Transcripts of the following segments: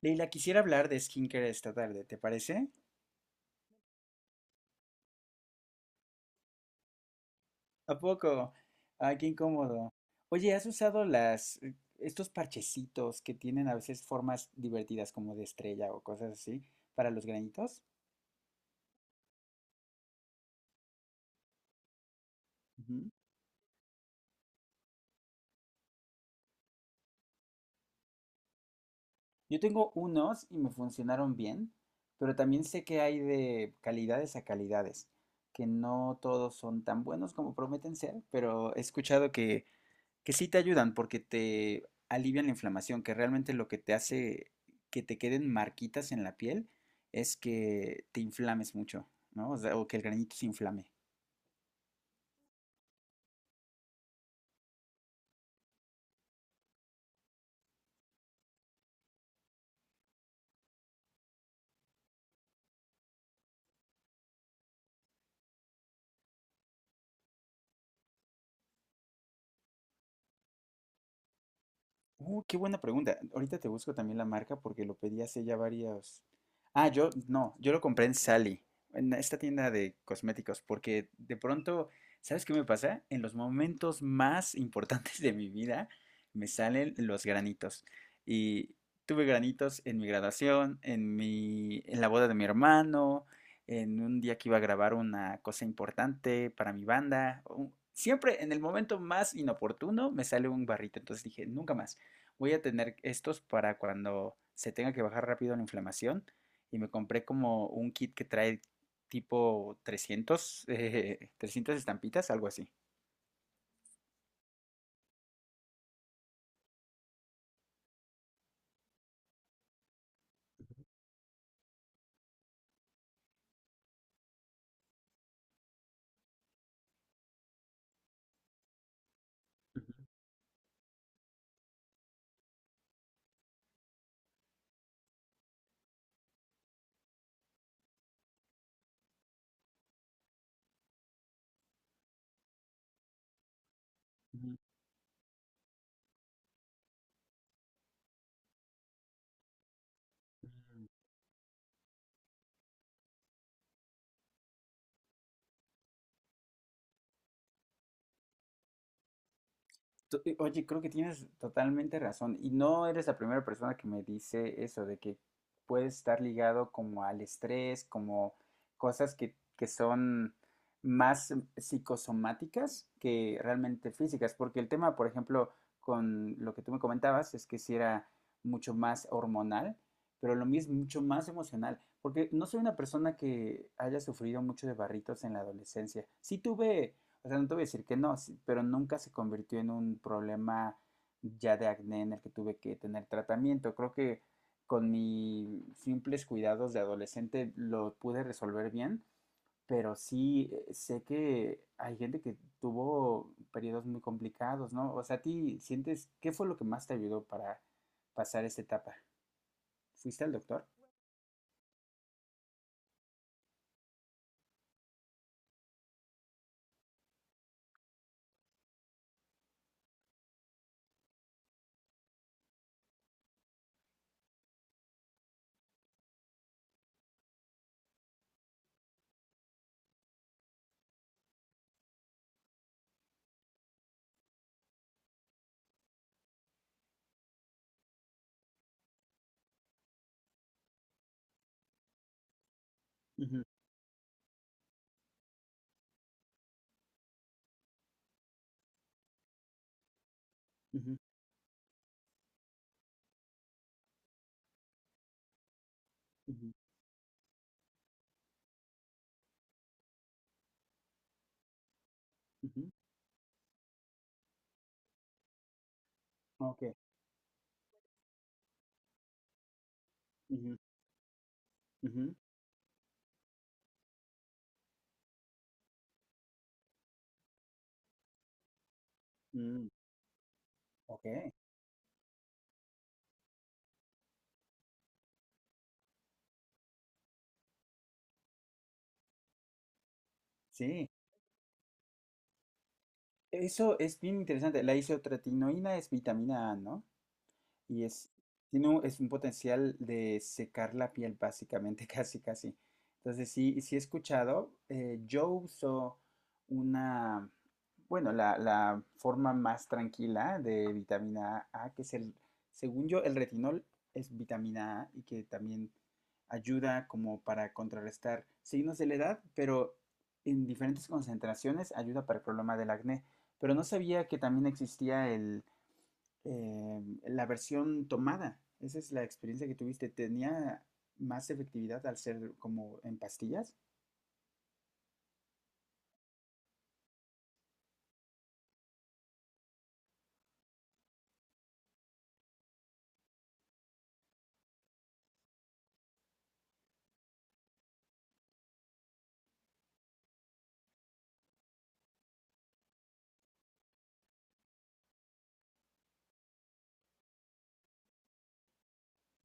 Leila, quisiera hablar de skincare esta tarde, ¿te parece? ¿A poco? Ay, qué incómodo. Oye, ¿has usado estos parchecitos que tienen a veces formas divertidas como de estrella o cosas así para los granitos? Ujú. Yo tengo unos y me funcionaron bien, pero también sé que hay de calidades a calidades, que no todos son tan buenos como prometen ser, pero he escuchado que sí te ayudan porque te alivian la inflamación, que realmente lo que te hace que te queden marquitas en la piel es que te inflames mucho, ¿no? O sea, o que el granito se inflame. Qué buena pregunta. Ahorita te busco también la marca porque lo pedí hace ya varios. Ah, yo no, yo lo compré en Sally, en esta tienda de cosméticos, porque de pronto, ¿sabes qué me pasa? En los momentos más importantes de mi vida me salen los granitos. Y tuve granitos en mi graduación, en la boda de mi hermano, en un día que iba a grabar una cosa importante para mi banda. Siempre en el momento más inoportuno me sale un barrito, entonces dije, nunca más voy a tener estos para cuando se tenga que bajar rápido la inflamación. Y me compré como un kit que trae tipo 300 estampitas, algo así. Ujú, ujú, ujú. Oye, creo que tienes totalmente razón. Y no eres la primera persona que me dice eso, de que puede estar ligado como al estrés, como cosas que son más psicosomáticas que realmente físicas. Porque el tema, por ejemplo, con lo que tú me comentabas, es que si era mucho más hormonal, pero lo mismo, mucho más emocional. Porque no soy una persona que haya sufrido mucho de barritos en la adolescencia. Sí tuve, o sea, no te voy a decir que no, sí, pero nunca se convirtió en un problema ya de acné en el que tuve que tener tratamiento. Creo que con mis simples cuidados de adolescente lo pude resolver bien, pero sí, sé que hay gente que tuvo periodos muy complicados, ¿no? O sea, ¿a ti sientes qué fue lo que más te ayudó para pasar esta etapa? ¿Fuiste al doctor? Ujú, ujú, ujú, ujú. Ok. Ujú, ujú, mm, ok. Sí. Eso es bien interesante. La isotretinoína es vitamina A, ¿no? Y es, tiene un, es un potencial de secar la piel, básicamente, casi, casi. Entonces, sí, sí he escuchado. Yo uso una, bueno, la forma más tranquila de vitamina A, que es el, según yo, el retinol es vitamina A y que también ayuda como para contrarrestar signos de la edad, pero en diferentes concentraciones ayuda para el problema del acné. Pero no sabía que también existía, la versión tomada. Esa es la experiencia que tuviste. ¿Tenía más efectividad al ser como en pastillas?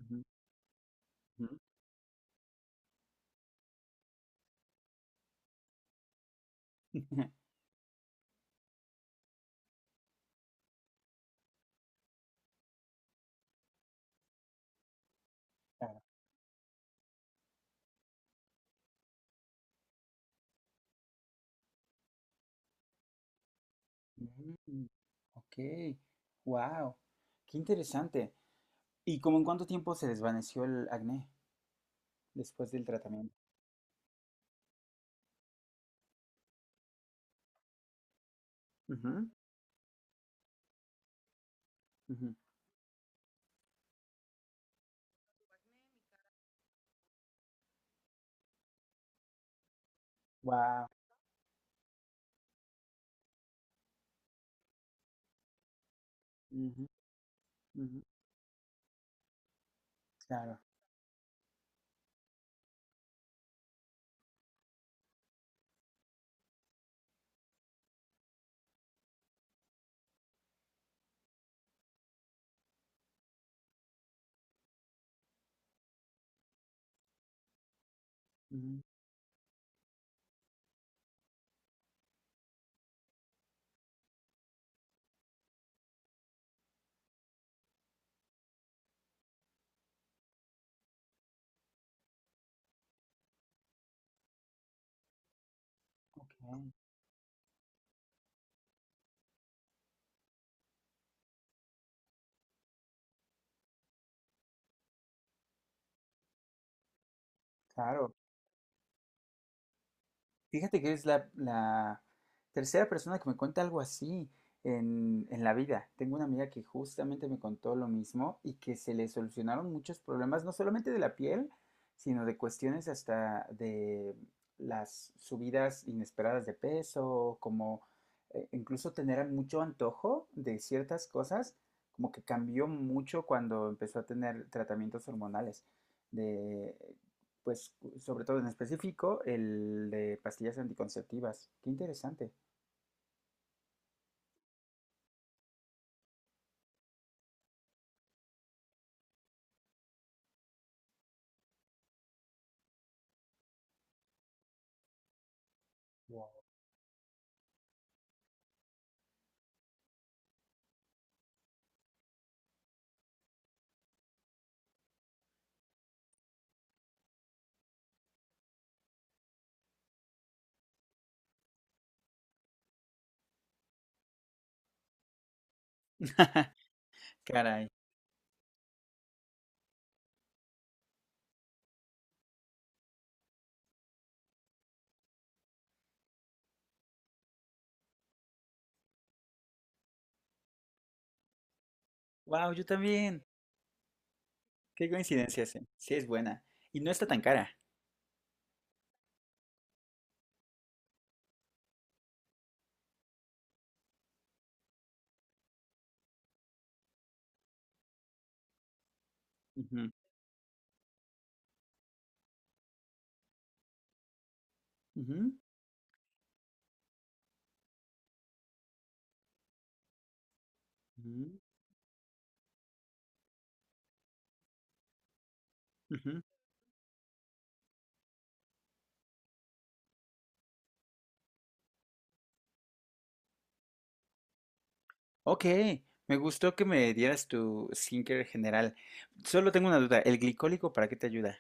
Ujú, ujú. Claro. Mm, ok, wow, qué interesante. ¿Y como en cuánto tiempo se desvaneció el acné después del tratamiento? Wow, ujú, wow. Ujú, ujú, claro, ujú. Ok, claro. Fíjate que es la tercera persona que me cuenta algo así en la vida. Tengo una amiga que justamente me contó lo mismo y que se le solucionaron muchos problemas, no solamente de la piel, sino de cuestiones hasta de las subidas inesperadas de peso, como incluso tener mucho antojo de ciertas cosas, como que cambió mucho cuando empezó a tener tratamientos hormonales, de pues sobre todo en específico, el de pastillas anticonceptivas. Qué interesante. Caray. Wow, yo también. Qué coincidencia, sí. Sí, es buena. Y no está tan cara. Ujú, ujú, ujú, ujú. Ok, me gustó que me dieras tu skincare general. Solo tengo una duda. ¿El glicólico para qué te ayuda?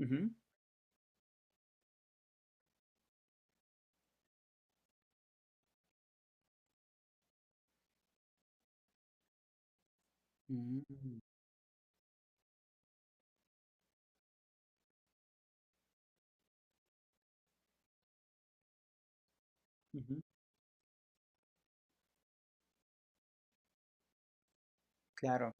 Ujú, mm, ujú, claro.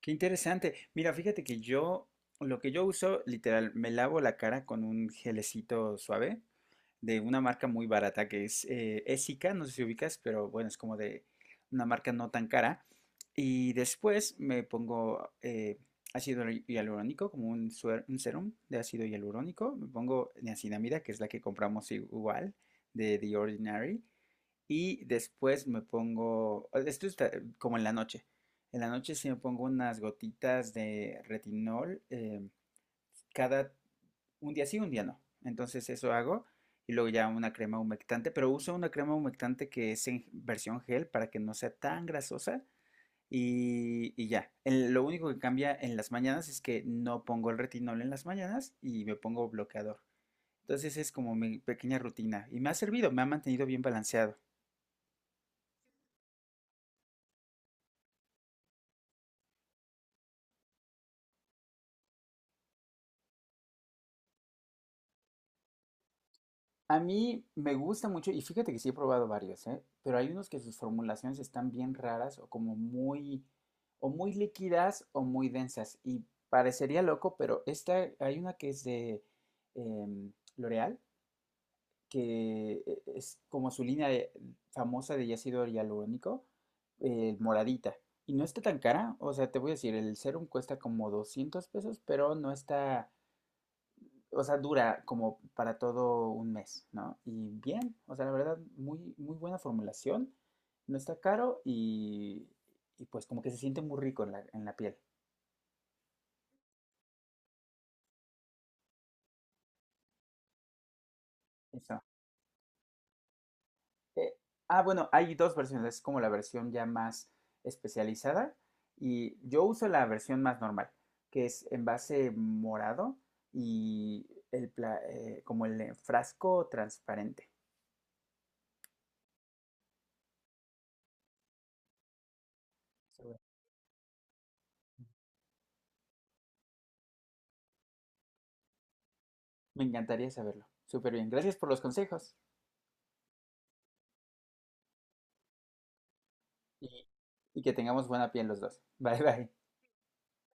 Qué interesante. Mira, fíjate que yo, lo que yo uso, literal, me lavo la cara con un gelecito suave de una marca muy barata que es, Essica, no sé si ubicas, pero bueno, es como de una marca no tan cara. Y después me pongo, ácido hialurónico, como un, un serum de ácido hialurónico. Me pongo niacinamida, que es la que compramos igual, de The Ordinary. Y después me pongo, esto está, como en la noche. En la noche sí me pongo unas gotitas de retinol, cada un día sí, un día no. Entonces eso hago y luego ya una crema humectante, pero uso una crema humectante que es en versión gel para que no sea tan grasosa y ya. Lo único que cambia en las mañanas es que no pongo el retinol en las mañanas y me pongo bloqueador. Entonces es como mi pequeña rutina y me ha servido, me ha mantenido bien balanceado. A mí me gusta mucho, y fíjate que sí he probado varios, ¿eh? Pero hay unos que sus formulaciones están bien raras o como muy, o muy líquidas o muy densas. Y parecería loco, pero esta, hay una que es de em, L'Oreal, que, es como su famosa de ácido hialurónico, moradita. Y no está tan cara, o sea, te voy a decir, el serum cuesta como $200, pero no está, o sea, dura como para todo un mes, ¿no? Y bien, o sea, la verdad, muy, muy buena formulación, no está caro y pues como que se siente muy rico en la piel. Eso. Eh, ah, bueno, hay dos versiones, es como la versión ya más especializada y yo uso la versión más normal, que es en base morado y el, como el, frasco transparente. Súper. Me encantaría saberlo. Súper bien, gracias por los consejos. Y, y que tengamos buena piel los dos. Bye bye.